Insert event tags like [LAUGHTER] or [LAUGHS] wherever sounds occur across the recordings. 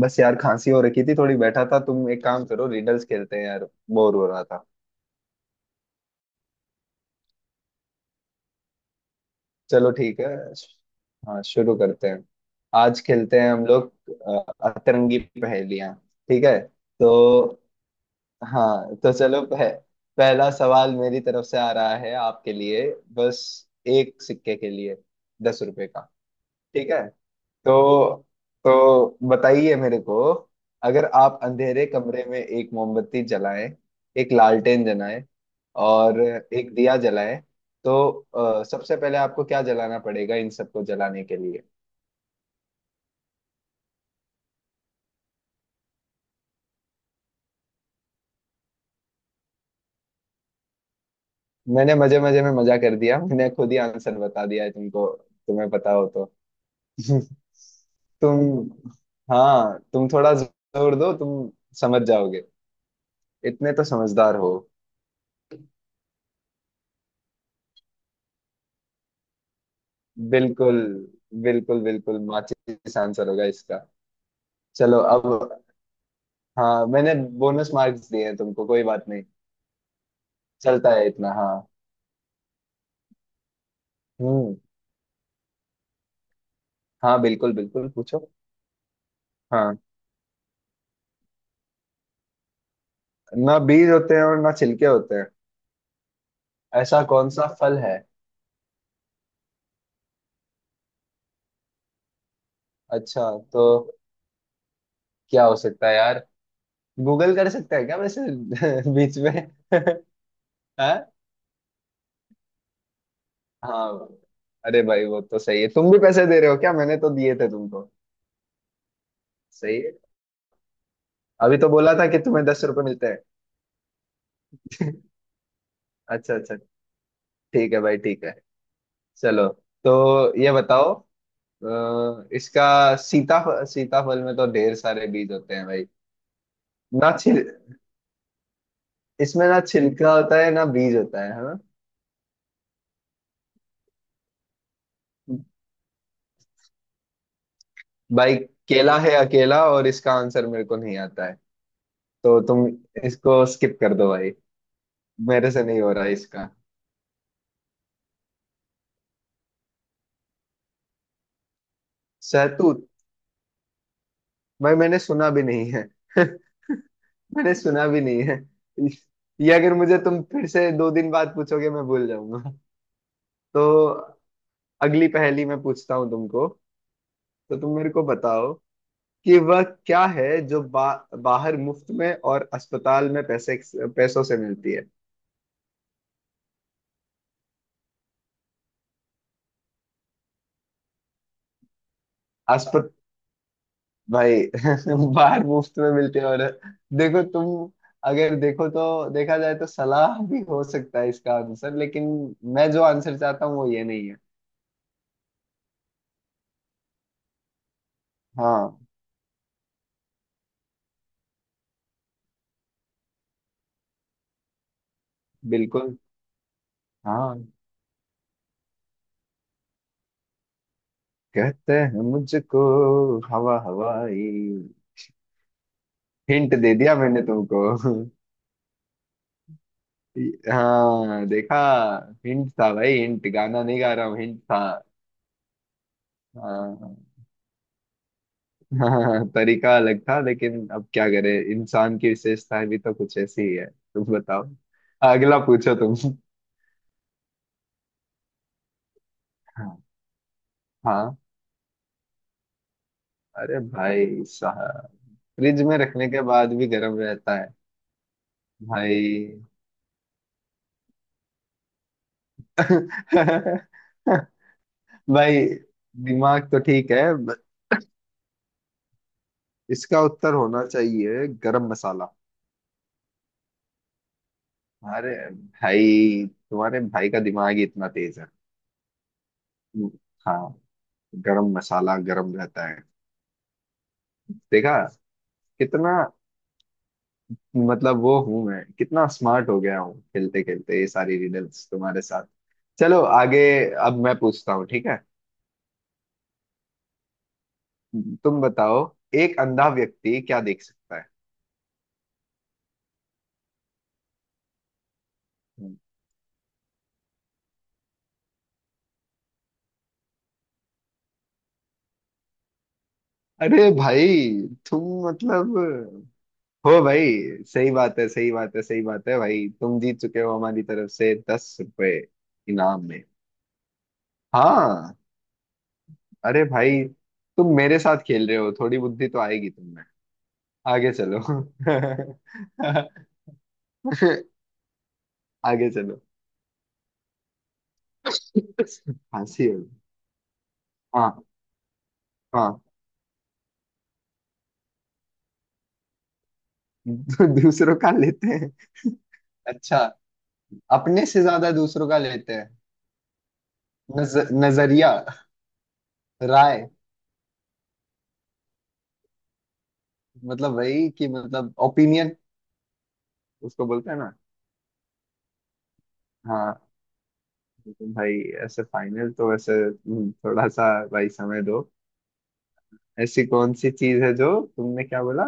बस यार, खांसी हो रखी थी थोड़ी, बैठा था। तुम एक काम करो, रिडल्स खेलते हैं यार। बोर हो रहा था। चलो ठीक है। हाँ, शुरू करते हैं। आज खेलते हैं हम लोग अतरंगी पहेलियां। ठीक है। तो। हाँ तो चलो, पहला सवाल मेरी तरफ से आ रहा है आपके लिए। बस। एक सिक्के के लिए 10 रुपए का। ठीक है। तो, बताइए मेरे को। अगर आप अंधेरे कमरे में एक मोमबत्ती जलाएं, एक लालटेन जलाएं, और एक दिया जलाएं, तो सबसे पहले आपको क्या जलाना पड़ेगा इन सबको जलाने के लिए? मैंने मजे मजे में मजा कर दिया, मैंने खुद ही आंसर बता दिया है तुमको। तुम्हें पता हो तो। [LAUGHS] तुम। हाँ तुम थोड़ा जोर दो, तुम समझ जाओगे। इतने तो समझदार हो। बिल्कुल बिल्कुल बिल्कुल, माचिस आंसर होगा इसका। चलो अब। हाँ मैंने बोनस मार्क्स दिए हैं तुमको, कोई बात नहीं। चलता है इतना, हाँ। हम्म। हाँ, बिल्कुल बिल्कुल पूछो। हाँ, ना बीज होते हैं और ना छिलके होते हैं। ऐसा कौन सा फल है? अच्छा। तो। क्या हो सकता है यार? गूगल कर सकते हैं क्या वैसे? [LAUGHS] बीच में। [LAUGHS] हाँ। हाँ। अरे भाई, वो तो सही है, तुम भी पैसे दे रहे हो क्या? मैंने तो दिए थे तुमको। सही है। अभी तो बोला था कि तुम्हें 10 रुपए मिलते हैं। अच्छा अच्छा। ठीक है भाई, ठीक है। चलो। तो ये बताओ। इसका। सीताफल में तो ढेर सारे बीज होते हैं भाई। ना छिल इसमें ना छिलका होता है ना बीज होता है ना? भाई, केला है अकेला और इसका आंसर मेरे को नहीं आता है। तो तुम इसको स्किप कर दो भाई। मेरे से नहीं हो रहा है इसका। शहतूत। भाई, मैंने सुना भी नहीं है। [LAUGHS] मैंने सुना भी नहीं है। ये अगर मुझे तुम फिर से 2 दिन बाद पूछोगे मैं भूल जाऊंगा। तो अगली पहेली मैं पूछता हूँ तुमको। तो तुम मेरे को बताओ कि वह क्या है जो बाहर मुफ्त में और अस्पताल में पैसे पैसों से मिलती है। अस्पत भाई। [LAUGHS] बाहर मुफ्त में मिलती है और, देखो तुम, अगर देखो तो देखा जाए तो सलाह भी हो सकता है इसका आंसर, लेकिन मैं जो आंसर चाहता हूँ वो ये नहीं है। हाँ, बिल्कुल। हाँ। कहते हैं मुझको, हवा हवाई। हिंट दे दिया मैंने तुमको। [LAUGHS] हाँ देखा। हिंट था भाई, हिंट गाना नहीं गा रहा हूँ, हिंट था। हाँ। [LAUGHS] हाँ, तरीका अलग था लेकिन अब क्या करे, इंसान की विशेषताएं भी तो कुछ ऐसी ही है। तुम बताओ, अगला पूछो तुम। हाँ। हाँ। अरे भाई साहब, फ्रिज में रखने के बाद भी गर्म रहता है भाई। [LAUGHS] भाई, दिमाग तो ठीक है but इसका उत्तर होना चाहिए गरम मसाला। अरे भाई, तुम्हारे भाई का दिमाग ही इतना तेज है। हाँ। गरम मसाला गरम रहता है। देखा। कितना, मतलब वो हूं मैं, कितना स्मार्ट हो गया हूँ खेलते खेलते ये सारी रिडल्स तुम्हारे साथ। चलो आगे। अब मैं पूछता हूँ, ठीक है? तुम बताओ, एक अंधा व्यक्ति क्या देख सकता है? हम्म। अरे भाई, तुम मतलब हो भाई। सही बात है सही बात है सही बात है भाई, तुम जीत चुके हो, हमारी तरफ से 10 रुपए इनाम में। हाँ। अरे भाई, तुम मेरे साथ खेल रहे हो, थोड़ी बुद्धि तो आएगी तुम। आगे चलो। [LAUGHS] आगे चलो। फांसी होगी। हाँ। हाँ। दूसरों का लेते हैं। अच्छा। अपने से ज्यादा दूसरों का लेते हैं। नज, नजरिया, राय। मतलब वही कि मतलब, ओपिनियन उसको बोलते हैं ना? हाँ। लेकिन भाई, ऐसे फाइनल तो वैसे, थोड़ा सा भाई समय दो। ऐसी कौन सी चीज है जो, तुमने क्या बोला?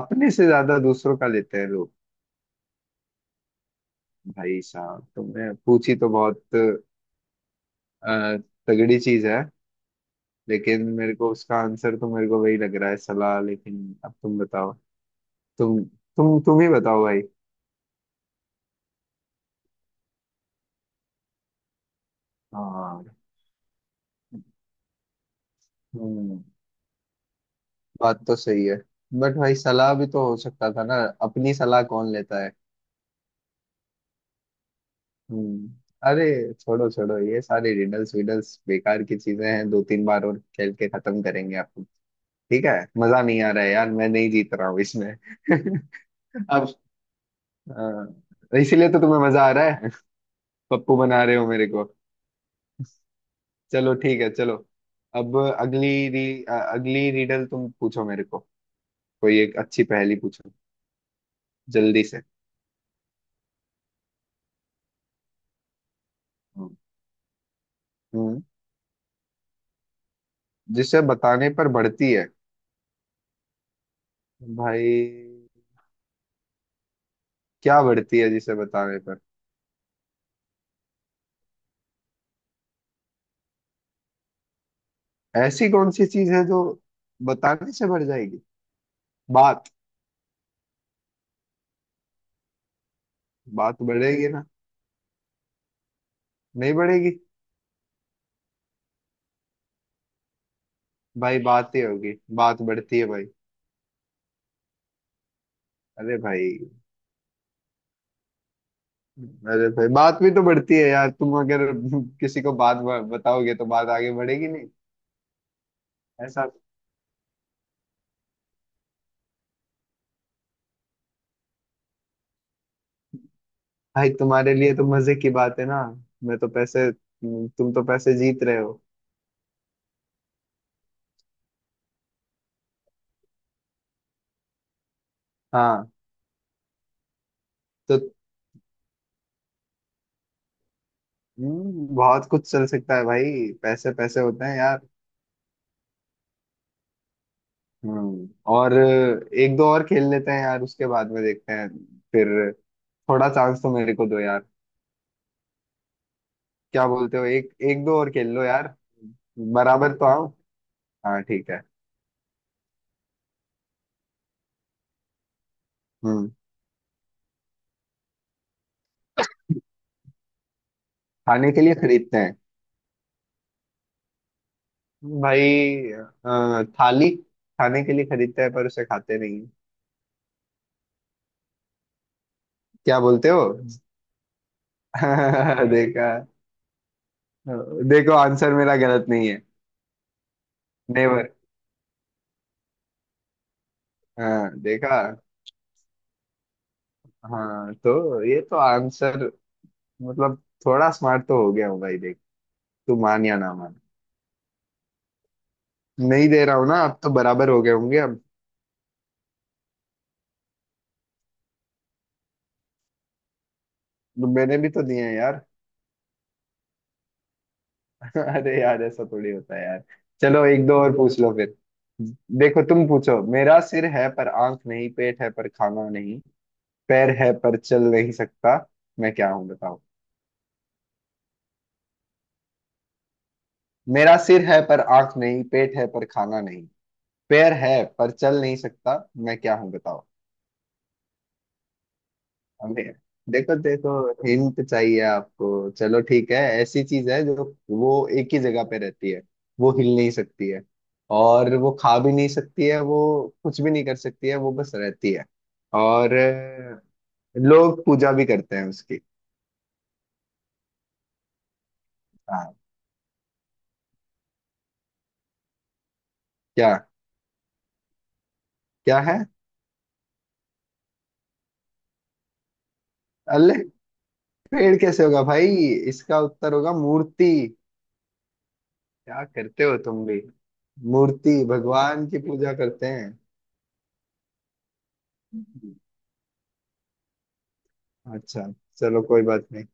अपने से ज्यादा दूसरों का लेते हैं लोग। भाई साहब, तुमने पूछी तो बहुत अ, तगड़ी चीज है। लेकिन मेरे को उसका आंसर तो मेरे को वही लग रहा है, सलाह, लेकिन अब तुम बताओ। तुम तुम ही बताओ भाई। हाँ। हम्म। बात तो सही है। बट भाई, सलाह भी तो हो सकता था ना? अपनी सलाह कौन लेता है? हम्म। अरे, छोड़ो छोड़ो, ये सारे रिडल्स विडल्स बेकार की चीजें हैं, 2-3 बार और खेल के खत्म करेंगे आपको। ठीक है। मजा नहीं आ रहा है यार, मैं नहीं जीत रहा हूँ इसमें। [LAUGHS] अब, इसीलिए तो तुम्हें मजा आ रहा है। [LAUGHS] पप्पू बना रहे हो मेरे को। चलो ठीक है, चलो। अब अगली रीडल तुम पूछो मेरे को। कोई एक अच्छी पहेली पूछो, जल्दी से। हम्म। हम्म, जिसे बताने पर बढ़ती है? भाई, क्या बढ़ती है जिसे बताने पर? ऐसी कौन सी चीज है जो बताने से बढ़ जाएगी? बात। बात बढ़ेगी ना? नहीं बढ़ेगी। भाई, बात ही होगी, बात बढ़ती है भाई। अरे भाई। अरे भाई, बात भी तो बढ़ती है यार, तुम अगर [LAUGHS] किसी को बात बताओगे तो बात आगे बढ़ेगी नहीं? ऐसा। भाई, तुम्हारे लिए तो मजे की बात है ना? मैं तो पैसे, तुम तो पैसे जीत रहे हो। हाँ। तो, बहुत कुछ चल सकता है भाई, पैसे पैसे होते हैं यार। हम्म। और एक दो और खेल लेते हैं यार, उसके बाद में देखते हैं। फिर, थोड़ा चांस तो मेरे को दो यार। क्या बोलते हो, एक एक दो और खेल लो यार। बराबर तो आओ। हाँ ठीक है। हम्म। खाने के लिए खरीदते हैं भाई, थाली। खाने के लिए खरीदते हैं पर उसे खाते नहीं हैं। क्या बोलते हो? [LAUGHS] देखा। देखो, आंसर मेरा गलत नहीं है। नेवर। हाँ देखा। हाँ तो ये तो आंसर, मतलब थोड़ा स्मार्ट तो हो गया हूँ भाई, देख। तू मान या ना मान। नहीं दे रहा हूँ ना, अब तो बराबर हो गए होंगे अब। तो मैंने भी तो दिए हैं यार। [LAUGHS] अरे यार, ऐसा थोड़ी होता है यार। चलो एक दो और पूछ लो फिर। देखो तुम पूछो, मेरा सिर है पर आंख नहीं, पेट है पर खाना नहीं, पैर है पर चल नहीं सकता, मैं क्या हूं बताओ। मेरा सिर है पर आंख नहीं, पेट है पर खाना, पैर है पर चल नहीं सकता, मैं क्या हूं बताओ। अबे, देखो देखो, हिंट चाहिए आपको? चलो ठीक है, ऐसी चीज है जो, वो एक ही जगह पे रहती है, वो हिल नहीं सकती है, और वो खा भी नहीं सकती है वो, कुछ भी नहीं कर सकती है, वो बस रहती है। और लोग पूजा भी करते हैं उसकी। हाँ। क्या? क्या है? अल्ले, पेड़ कैसे होगा भाई? इसका उत्तर होगा मूर्ति। क्या करते हो तुम भी। मूर्ति भगवान की पूजा करते हैं। अच्छा। चलो कोई बात नहीं।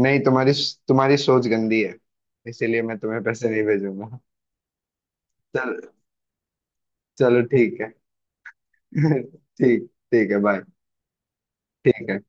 नहीं, तुम्हारी तुम्हारी सोच गंदी है, इसीलिए मैं तुम्हें पैसे नहीं भेजूंगा। चल। चलो ठीक है। [LAUGHS] ठीक। ठीक है बाय। ठीक है।